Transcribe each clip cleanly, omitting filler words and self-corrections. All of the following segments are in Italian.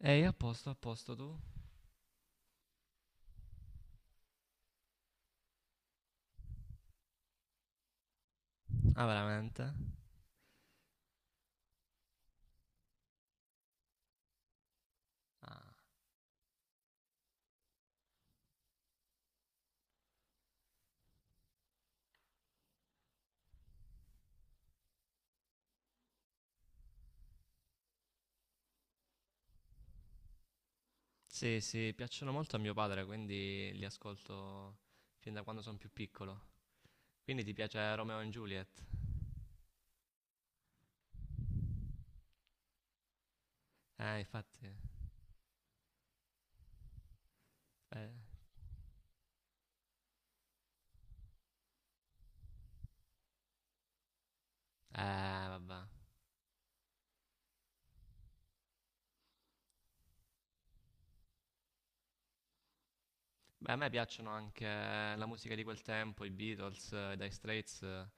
Ehi, a posto tu? Ah, veramente? Ah. Sì, sì, piacciono molto a mio padre, quindi li ascolto fin da quando sono più piccolo. Quindi ti piace Romeo e Juliet? Infatti. Eh, vabbè. Beh, a me piacciono anche la musica di quel tempo, i Beatles, i Dire Straits,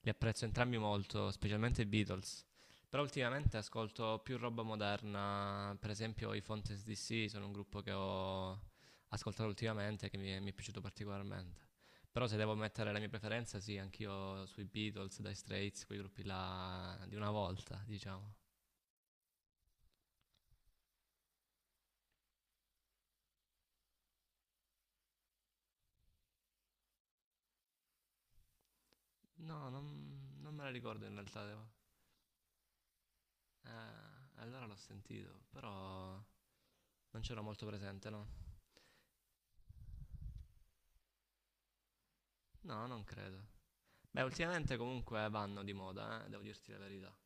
li apprezzo entrambi molto, specialmente i Beatles. Però ultimamente ascolto più roba moderna, per esempio i Fontes DC sono un gruppo che ho ascoltato ultimamente che mi è piaciuto particolarmente. Però se devo mettere la mia preferenza, sì, anch'io sui Beatles, Dire Straits, quei gruppi là di una volta, diciamo. No, non me la ricordo in realtà, eh, allora l'ho sentito, però... Non c'ero molto presente, no? No, non credo. Beh, ultimamente comunque vanno di moda, devo dirti la verità.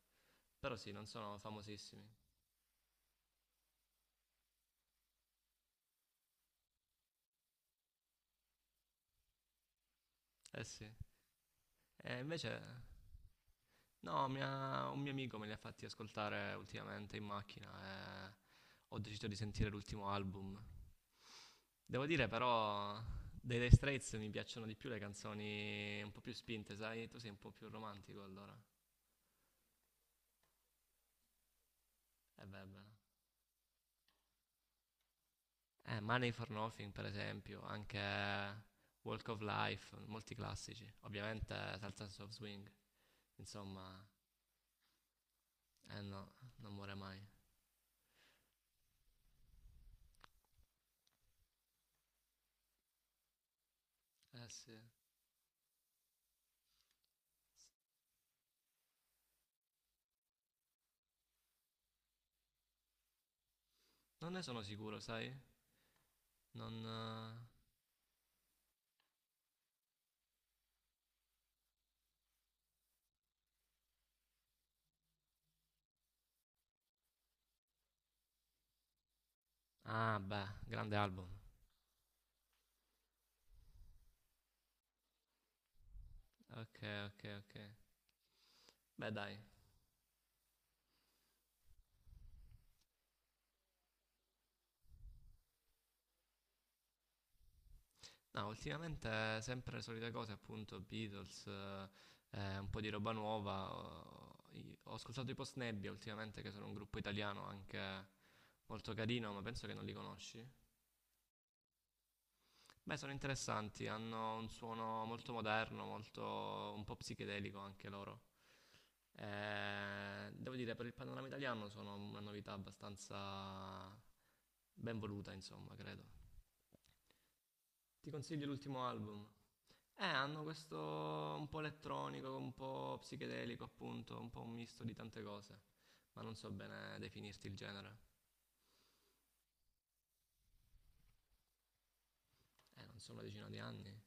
Però sì, non sono famosissimi. Eh sì. E invece, no, un mio amico me li ha fatti ascoltare ultimamente in macchina e ho deciso di sentire l'ultimo album. Devo dire però, dei Dire Straits mi piacciono di più le canzoni un po' più spinte, sai? Tu sei un po' più romantico allora. E beh, beh. Money for Nothing, per esempio, anche Walk of Life, molti classici. Ovviamente Salsa of Swing, insomma, eh no, non muore mai. Eh sì. Non ne sono sicuro, sai? Non... eh, Ah, beh, grande album. Ok, ok, ok. Beh, dai. No, ultimamente sempre le solite cose, appunto, Beatles, un po' di roba nuova. Ho ascoltato i Post Nebbia ultimamente, che sono un gruppo italiano anche molto carino, ma penso che non li conosci. Beh, sono interessanti, hanno un suono molto moderno, molto un po' psichedelico anche loro. Devo dire, per il panorama italiano sono una novità abbastanza ben voluta, insomma, credo. Ti consiglio l'ultimo album. Hanno questo un po' elettronico, un po' psichedelico, appunto, un po' un misto di tante cose, ma non so bene definirti il genere. Non so, una decina di anni.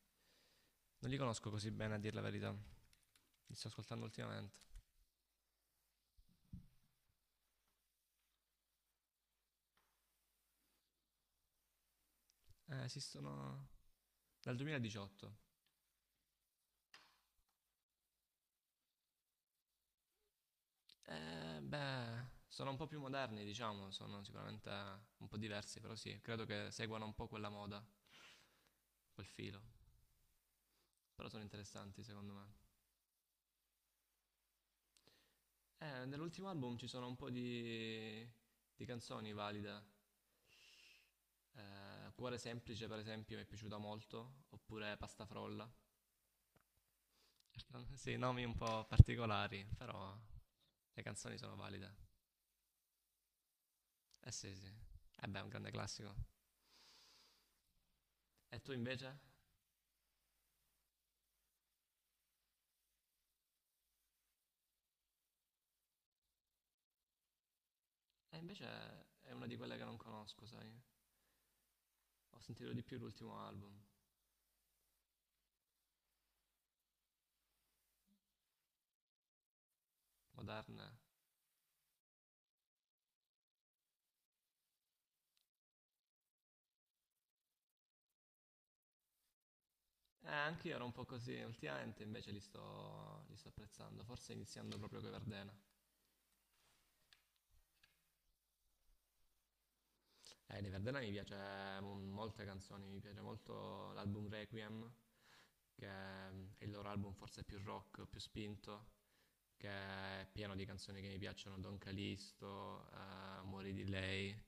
Non li conosco così bene, a dir la verità. Li sto ascoltando ultimamente. Esistono dal 2018. Beh, sono un po' più moderni, diciamo, sono sicuramente un po' diversi, però sì, credo che seguano un po' quella moda, quel filo, però sono interessanti secondo me. Nell'ultimo album ci sono un po' di canzoni valide. Cuore semplice, per esempio, mi è piaciuta molto, oppure Pasta frolla. Sì, nomi un po' particolari, però le canzoni sono valide. Eh sì, sì. Eh beh, è un grande classico. E tu invece? E invece è una di quelle che non conosco, sai? Ho sentito di più l'ultimo album, Moderne. Anche io ero un po' così, ultimamente invece li sto apprezzando, forse iniziando proprio con Verdena. Di Verdena mi piace molte canzoni, mi piace molto l'album Requiem, che è il loro album forse più rock, più spinto, che è pieno di canzoni che mi piacciono, Don Calisto, Amori di lei,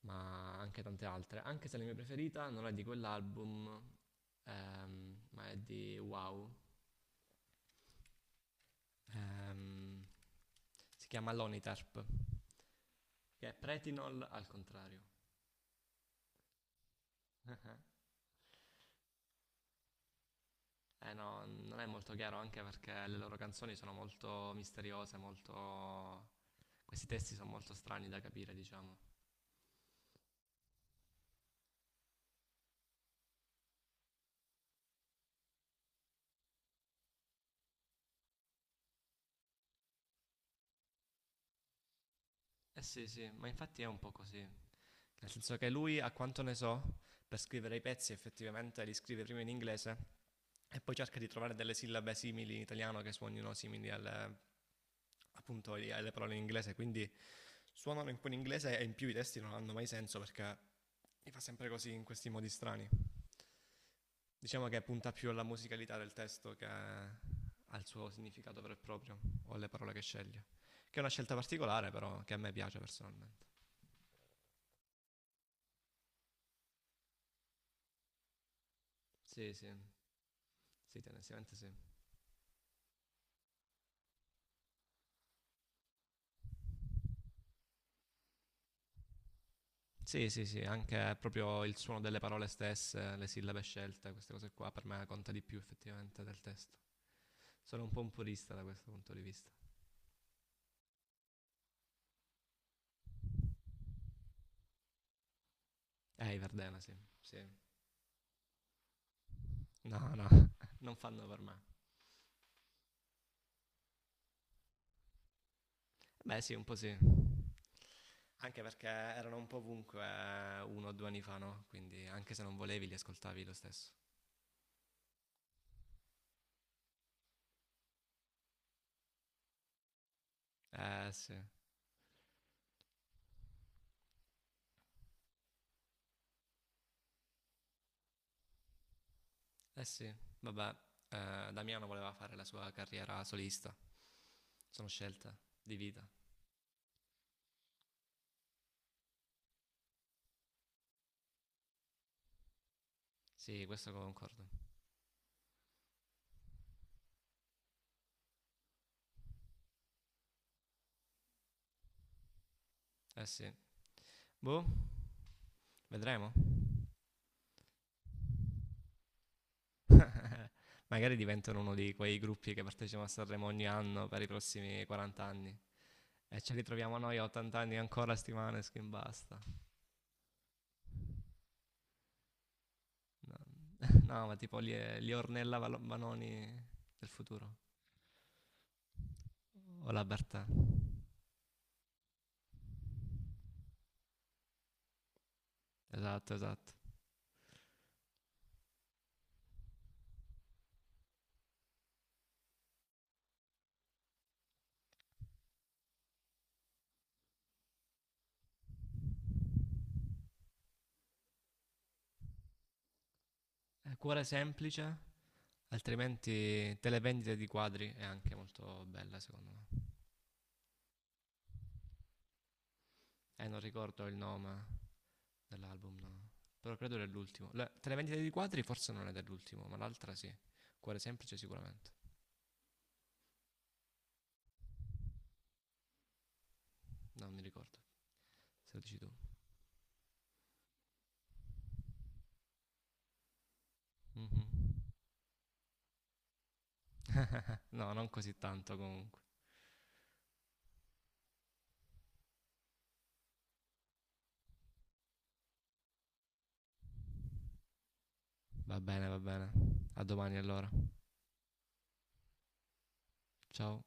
ma anche tante altre. Anche se la mia preferita non è di quell'album, ma è di wow. Ehm, si chiama Lonitarp, che è Pretinol al contrario. Eh no, non è molto chiaro anche perché le loro canzoni sono molto misteriose, molto... Questi testi sono molto strani da capire, diciamo. Eh sì, sì, ma infatti è un po' così. Nel senso che lui, a quanto ne so, per scrivere i pezzi effettivamente li scrive prima in inglese e poi cerca di trovare delle sillabe simili in italiano che suonino simili alle, appunto, alle parole in inglese, quindi suonano un po' in inglese e in più i testi non hanno mai senso perché li fa sempre così in questi modi strani. Diciamo che punta più alla musicalità del testo che al suo significato vero e proprio o alle parole che sceglie. Che è una scelta particolare però che a me piace personalmente. Sì, sì, sì, tendenzialmente sì. Sì, sì, sì, anche proprio il suono delle parole stesse, le sillabe scelte, queste cose qua per me conta di più effettivamente del testo. Sono un po' un purista da questo punto di vista. I Verdena, sì. Sì. No, no, non fanno per me. Beh, sì, un po' sì. Anche perché erano un po' ovunque 1 o 2 anni fa, no? Quindi anche se non volevi li ascoltavi lo stesso. Eh sì, eh sì. Vabbè, Damiano voleva fare la sua carriera solista. Sono scelte di vita. Sì, questo concordo. Eh sì. Boh, vedremo. Magari diventano uno di quei gruppi che partecipano a Sanremo ogni anno per i prossimi 40 anni. E ce li troviamo noi a 80 anni ancora, sti Maneskin, basta. No, no, ma tipo li Ornella Vanoni del futuro. O la Bertè. Esatto, esatto. Cuore semplice, altrimenti Televendite di quadri è anche molto bella secondo me. Non ricordo il nome dell'album, no. Però credo dell'ultimo. Televendite di quadri forse non è dell'ultimo, ma l'altra sì. Cuore semplice sicuramente. No, non mi ricordo, se lo dici tu. Mhm. No, non così tanto comunque. Va bene, va bene. A domani allora. Ciao.